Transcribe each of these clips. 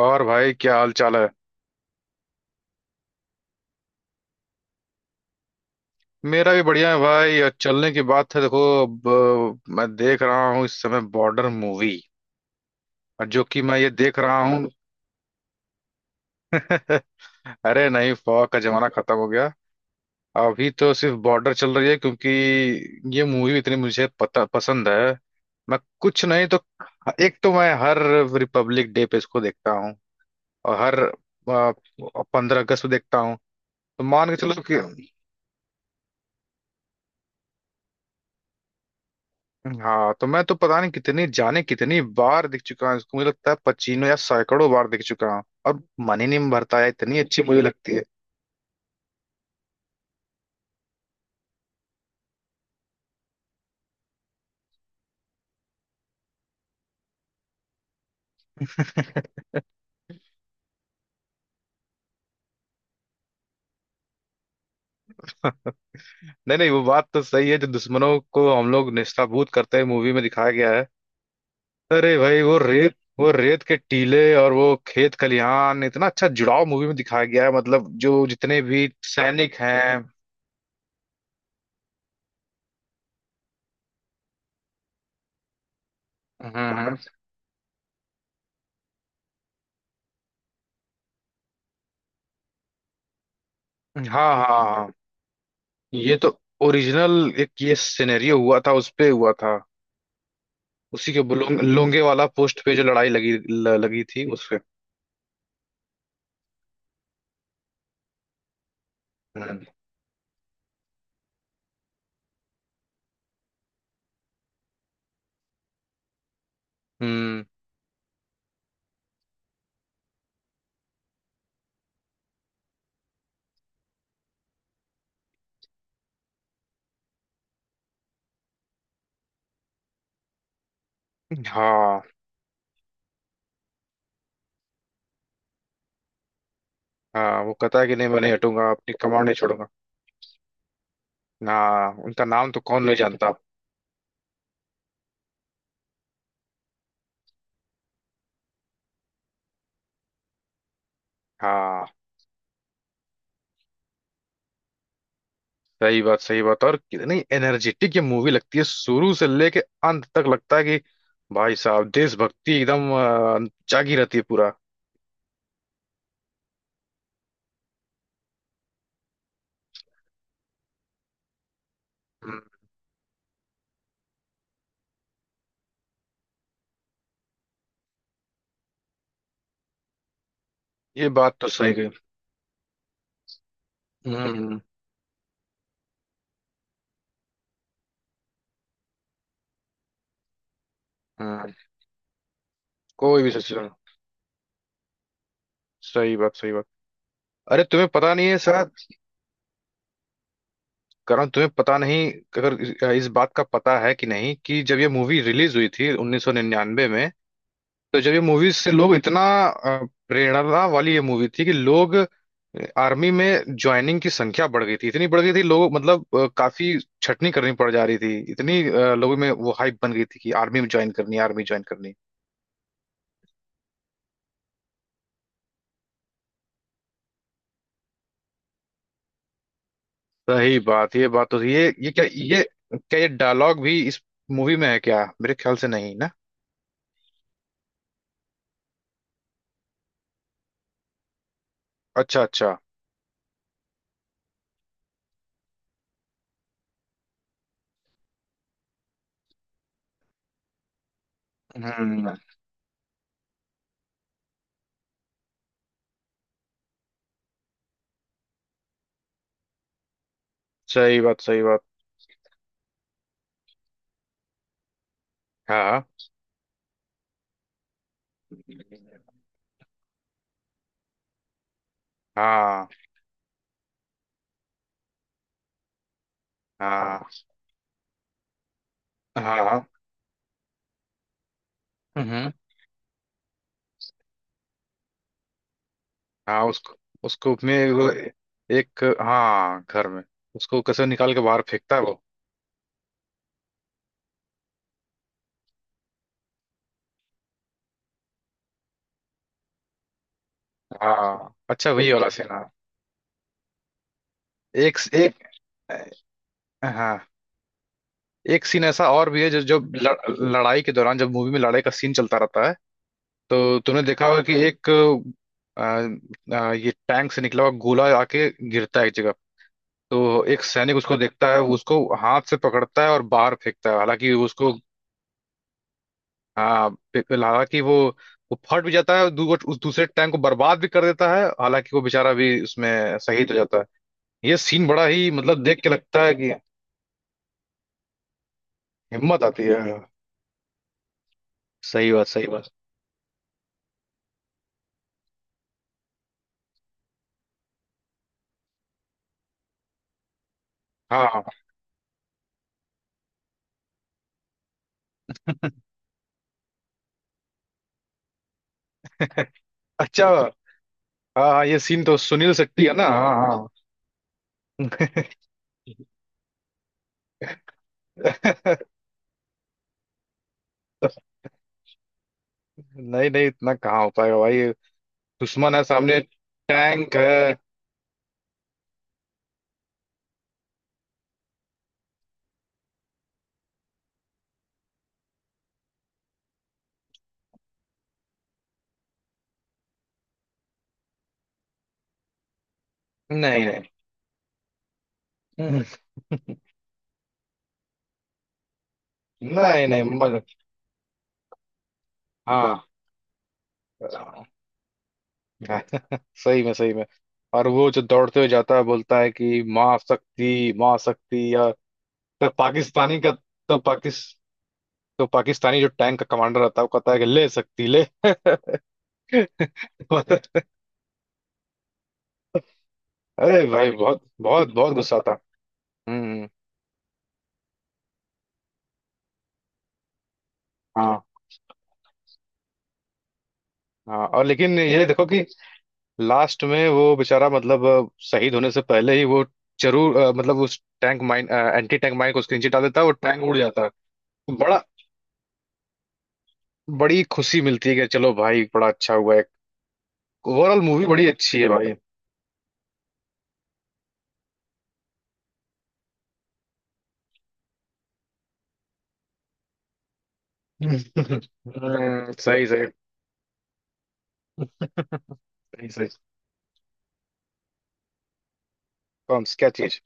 और भाई क्या हाल चाल है। मेरा भी बढ़िया है भाई और चलने की बात है देखो अब। मैं देख रहा हूँ इस समय बॉर्डर मूवी और जो कि मैं ये देख रहा हूँ। अरे नहीं फौज का जमाना खत्म हो गया। अभी तो सिर्फ बॉर्डर चल रही है क्योंकि ये मूवी इतनी मुझे पता पसंद है। मैं कुछ नहीं तो एक तो मैं हर रिपब्लिक डे पे इसको देखता हूँ और हर 15 अगस्त को देखता हूँ, तो मान के चलो कि हाँ, तो मैं तो पता नहीं कितनी जाने कितनी बार दिख चुका हूँ इसको। मुझे लगता है पचीनों या सैकड़ों बार दिख चुका हूँ और मन ही नहीं भरता है, इतनी अच्छी मुझे लगती है। नहीं नहीं, वो बात तो सही है, जो दुश्मनों को हम लोग नेस्ताभूत करते हैं मूवी में दिखाया गया है। अरे भाई वो रेत के टीले और वो खेत खलिहान इतना अच्छा जुड़ाव मूवी में दिखाया गया है, मतलब जो जितने भी सैनिक हैं। हम्म, हम्म। हाँ हाँ हाँ। ये तो ओरिजिनल एक ये सिनेरियो हुआ था, उस पे हुआ था। उसी के लोंगे वाला पोस्ट पे जो लड़ाई लगी थी, उस पे। हम्म। हम्म। हाँ हाँ, वो कहता है कि नहीं, मैं नहीं हटूंगा, अपनी कमांड नहीं छोड़ूंगा। हाँ उनका नाम तो कौन नहीं जानता। हाँ। सही बात सही बात। और कितनी एनर्जेटिक ये मूवी लगती है, शुरू से लेके अंत तक लगता है कि भाई साहब देशभक्ति एकदम जागी रहती है पूरा। हम्म। ये बात तो सही गई। हम्म हम्म। कोई भी सिचुएशन। सही बात सही बात। अरे तुम्हें पता नहीं है सर। कारण तुम्हें पता नहीं, अगर इस बात का पता है कि नहीं, कि जब ये मूवी रिलीज हुई थी 1999 में, तो जब ये मूवी से लोग इतना अ, प्रेरणा वाली ये मूवी थी कि लोग आर्मी में ज्वाइनिंग की संख्या बढ़ गई थी, इतनी बढ़ गई थी, लोग मतलब काफी छटनी करनी पड़ जा रही थी, इतनी लोगों में वो हाइप बन गई थी कि आर्मी में ज्वाइन करनी है, आर्मी ज्वाइन करनी है। सही बात, ये बात तो थी। ये डायलॉग भी इस मूवी में है क्या? मेरे ख्याल से नहीं ना। अच्छा अच्छा। हम्म। सही बात सही बात। हाँ हाँ हाँ हाँ। हम्म। हाँ उसको उसको में वो, एक, हाँ, घर में। उसको कैसे निकाल के बाहर फेंकता है वो। हाँ अच्छा, वही वाला सीन, हाँ। एक एक, हाँ एक सीन ऐसा और भी है जो जो ल- लड़ाई के दौरान जब मूवी में लड़ाई का सीन चलता रहता है, तो तुमने देखा होगा कि एक आ, आ, ये टैंक से निकला हुआ गोला आके गिरता है एक जगह। तो एक सैनिक उसको देखता है, उसको हाथ से पकड़ता है और बाहर फेंकता है, हालांकि उसको हाँ बिल्कुल, हालांकि वो फट भी जाता है, उस दूसरे टाइम को बर्बाद भी कर देता है, हालांकि वो बेचारा भी उसमें शहीद हो जाता है। ये सीन बड़ा ही मतलब देख के लगता है कि हिम्मत आती है। सही बात सही बात। हाँ हाँ। अच्छा, हाँ हाँ, ये सीन तो सुनील शेट्टी है ना, हाँ हाँ। नहीं नहीं इतना कहाँ हो पाएगा भाई, दुश्मन है सामने, टैंक है। नहीं नहीं, नहीं नहीं मज हाँ। सही में सही में। और वो जो दौड़ते हुए जाता है बोलता है कि माँ शक्ति या तो पाकिस्तानी का तो पाकिस तो पाकिस्तानी जो टैंक का कमांडर रहता है वो कहता है कि ले सकती ले। अरे भाई बहुत बहुत बहुत गुस्सा था। हम्म। हाँ हाँ, और लेकिन ये देखो कि लास्ट में वो बेचारा मतलब शहीद होने से पहले ही वो जरूर मतलब उस tank mine anti tank mine को उसके नीचे डाल देता है, वो टैंक उड़ जाता है। बड़ा बड़ी खुशी मिलती है कि चलो भाई बड़ा अच्छा हुआ। ओवरऑल मूवी बड़ी अच्छी है भाई। हम्म, हम्म। सही सही। सही सही। कौन क्या चीज?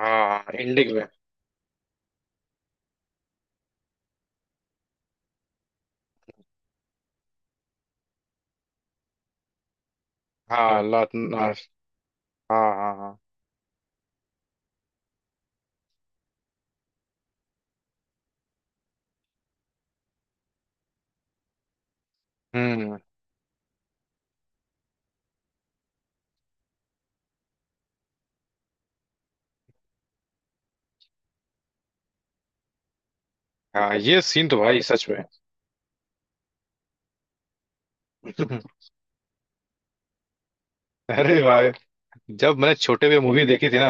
हाँ एंडिंग में। हाँ लात हाँ। हाँ हाँ। हम्म। हाँ ये सीन तो भाई सच में। अरे भाई जब मैंने छोटे पे मूवी देखी थी ना,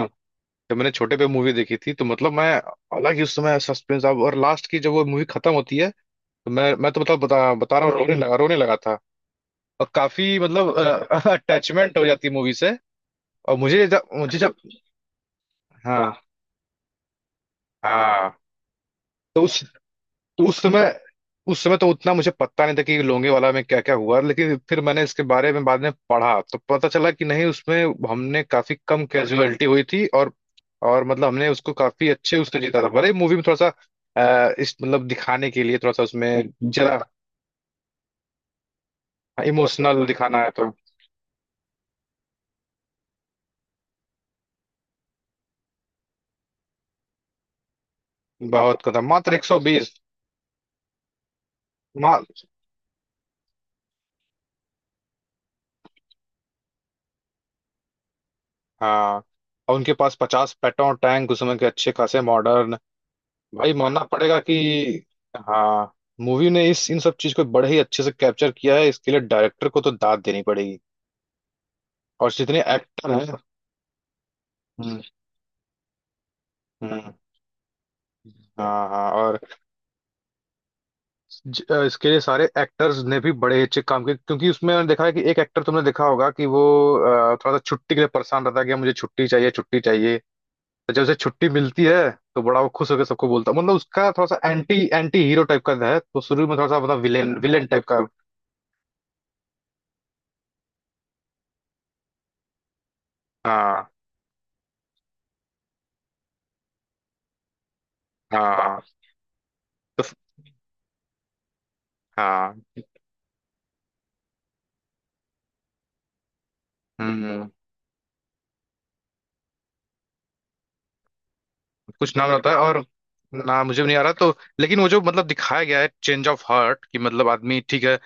जब मैंने छोटे पे मूवी देखी थी, तो मतलब मैं, हालांकि उस समय सस्पेंस अब और लास्ट की जब वो मूवी खत्म होती है, तो मैं तो मतलब बता बता रहा हूँ, रोने लगा था। और काफी मतलब अटैचमेंट हो जाती है मूवी से। और मुझे जब हाँ हाँ, तो उस समय उस समय तो उतना मुझे पता नहीं था कि लोंगे वाला में क्या क्या हुआ, लेकिन फिर मैंने इसके बारे में बाद में पढ़ा, तो पता चला कि नहीं, उसमें हमने काफी कम कैजुअलिटी हुई थी और मतलब हमने उसको काफी अच्छे, उसने जीता था, भले मूवी में थोड़ा सा इस मतलब दिखाने के लिए थोड़ा सा उसमें जरा इमोशनल दिखाना है तो। बहुत कदम मात्र 120, मा, हाँ। और उनके पास 50 पेट्रोल टैंक उस समय के अच्छे खासे मॉडर्न। भाई मानना पड़ेगा कि हाँ, मूवी ने इस इन सब चीज को बड़े ही अच्छे से कैप्चर किया है, इसके लिए डायरेक्टर को तो दाद देनी पड़ेगी। और जितने एक्टर हैं हम्म हम्म, हाँ हाँ, और इसके लिए सारे एक्टर्स ने भी बड़े ही अच्छे काम किए, क्योंकि उसमें मैंने देखा है कि एक एक्टर तुमने देखा होगा कि वो थोड़ा सा छुट्टी के लिए परेशान रहता है कि मुझे छुट्टी चाहिए छुट्टी चाहिए। तो जब उसे छुट्टी मिलती है, तो बड़ा वो खुश होकर सबको बोलता है, मतलब उसका थोड़ा सा एंटी एंटी हीरो टाइप का है, तो शुरू में थोड़ा सा मतलब विलेन विलेन टाइप का। हाँ हाँ, तो हाँ। हम्म। कुछ नाम रहता है और ना, मुझे भी नहीं आ रहा तो। लेकिन वो जो मतलब दिखाया गया है, चेंज ऑफ हार्ट, कि मतलब आदमी ठीक है।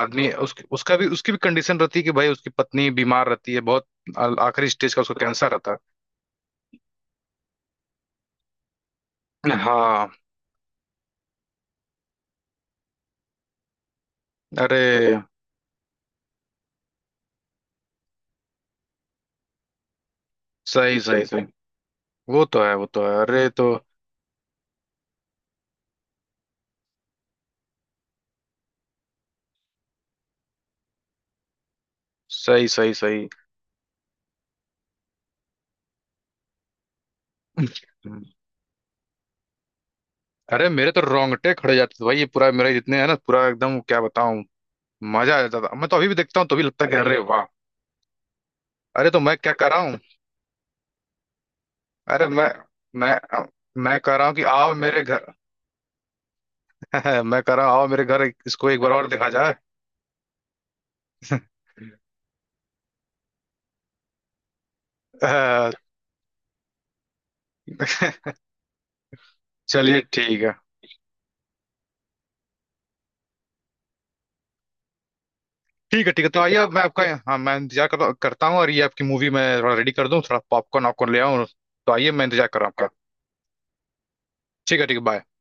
आदमी उसका भी उसकी भी कंडीशन रहती है कि भाई उसकी पत्नी बीमार रहती है बहुत, आखिरी स्टेज का उसको कैंसर रहता है। हाँ। अरे, सही सही सही। वो तो है वो तो है, अरे तो, सही सही सही। हम्म। अरे मेरे तो रोंगटे खड़े जाते थे भाई, ये पूरा मेरे जितने है ना पूरा, एकदम क्या बताऊं। मजा आ जाता था, मैं तो अभी भी देखता हूँ तो भी लगता है कि अरे वाह। अरे तो मैं क्या कर रहा हूँ, अरे मैं मैं कह रहा हूँ कि आओ मेरे घर। मैं कह रहा हूँ आओ मेरे घर, इसको एक बार और देखा जाए। अ, चलिए ठीक है। ठीक है ठीक है, तो आइए मैं आपका, हाँ, मैं इंतजार करता करता हूँ, और ये आपकी मूवी मैं थोड़ा रेडी कर दूँ, थोड़ा पॉपकॉर्न वॉपकॉर्न ले आऊँ। तो आइए, मैं इंतजार कर रहा हूँ आपका। ठीक है बाय।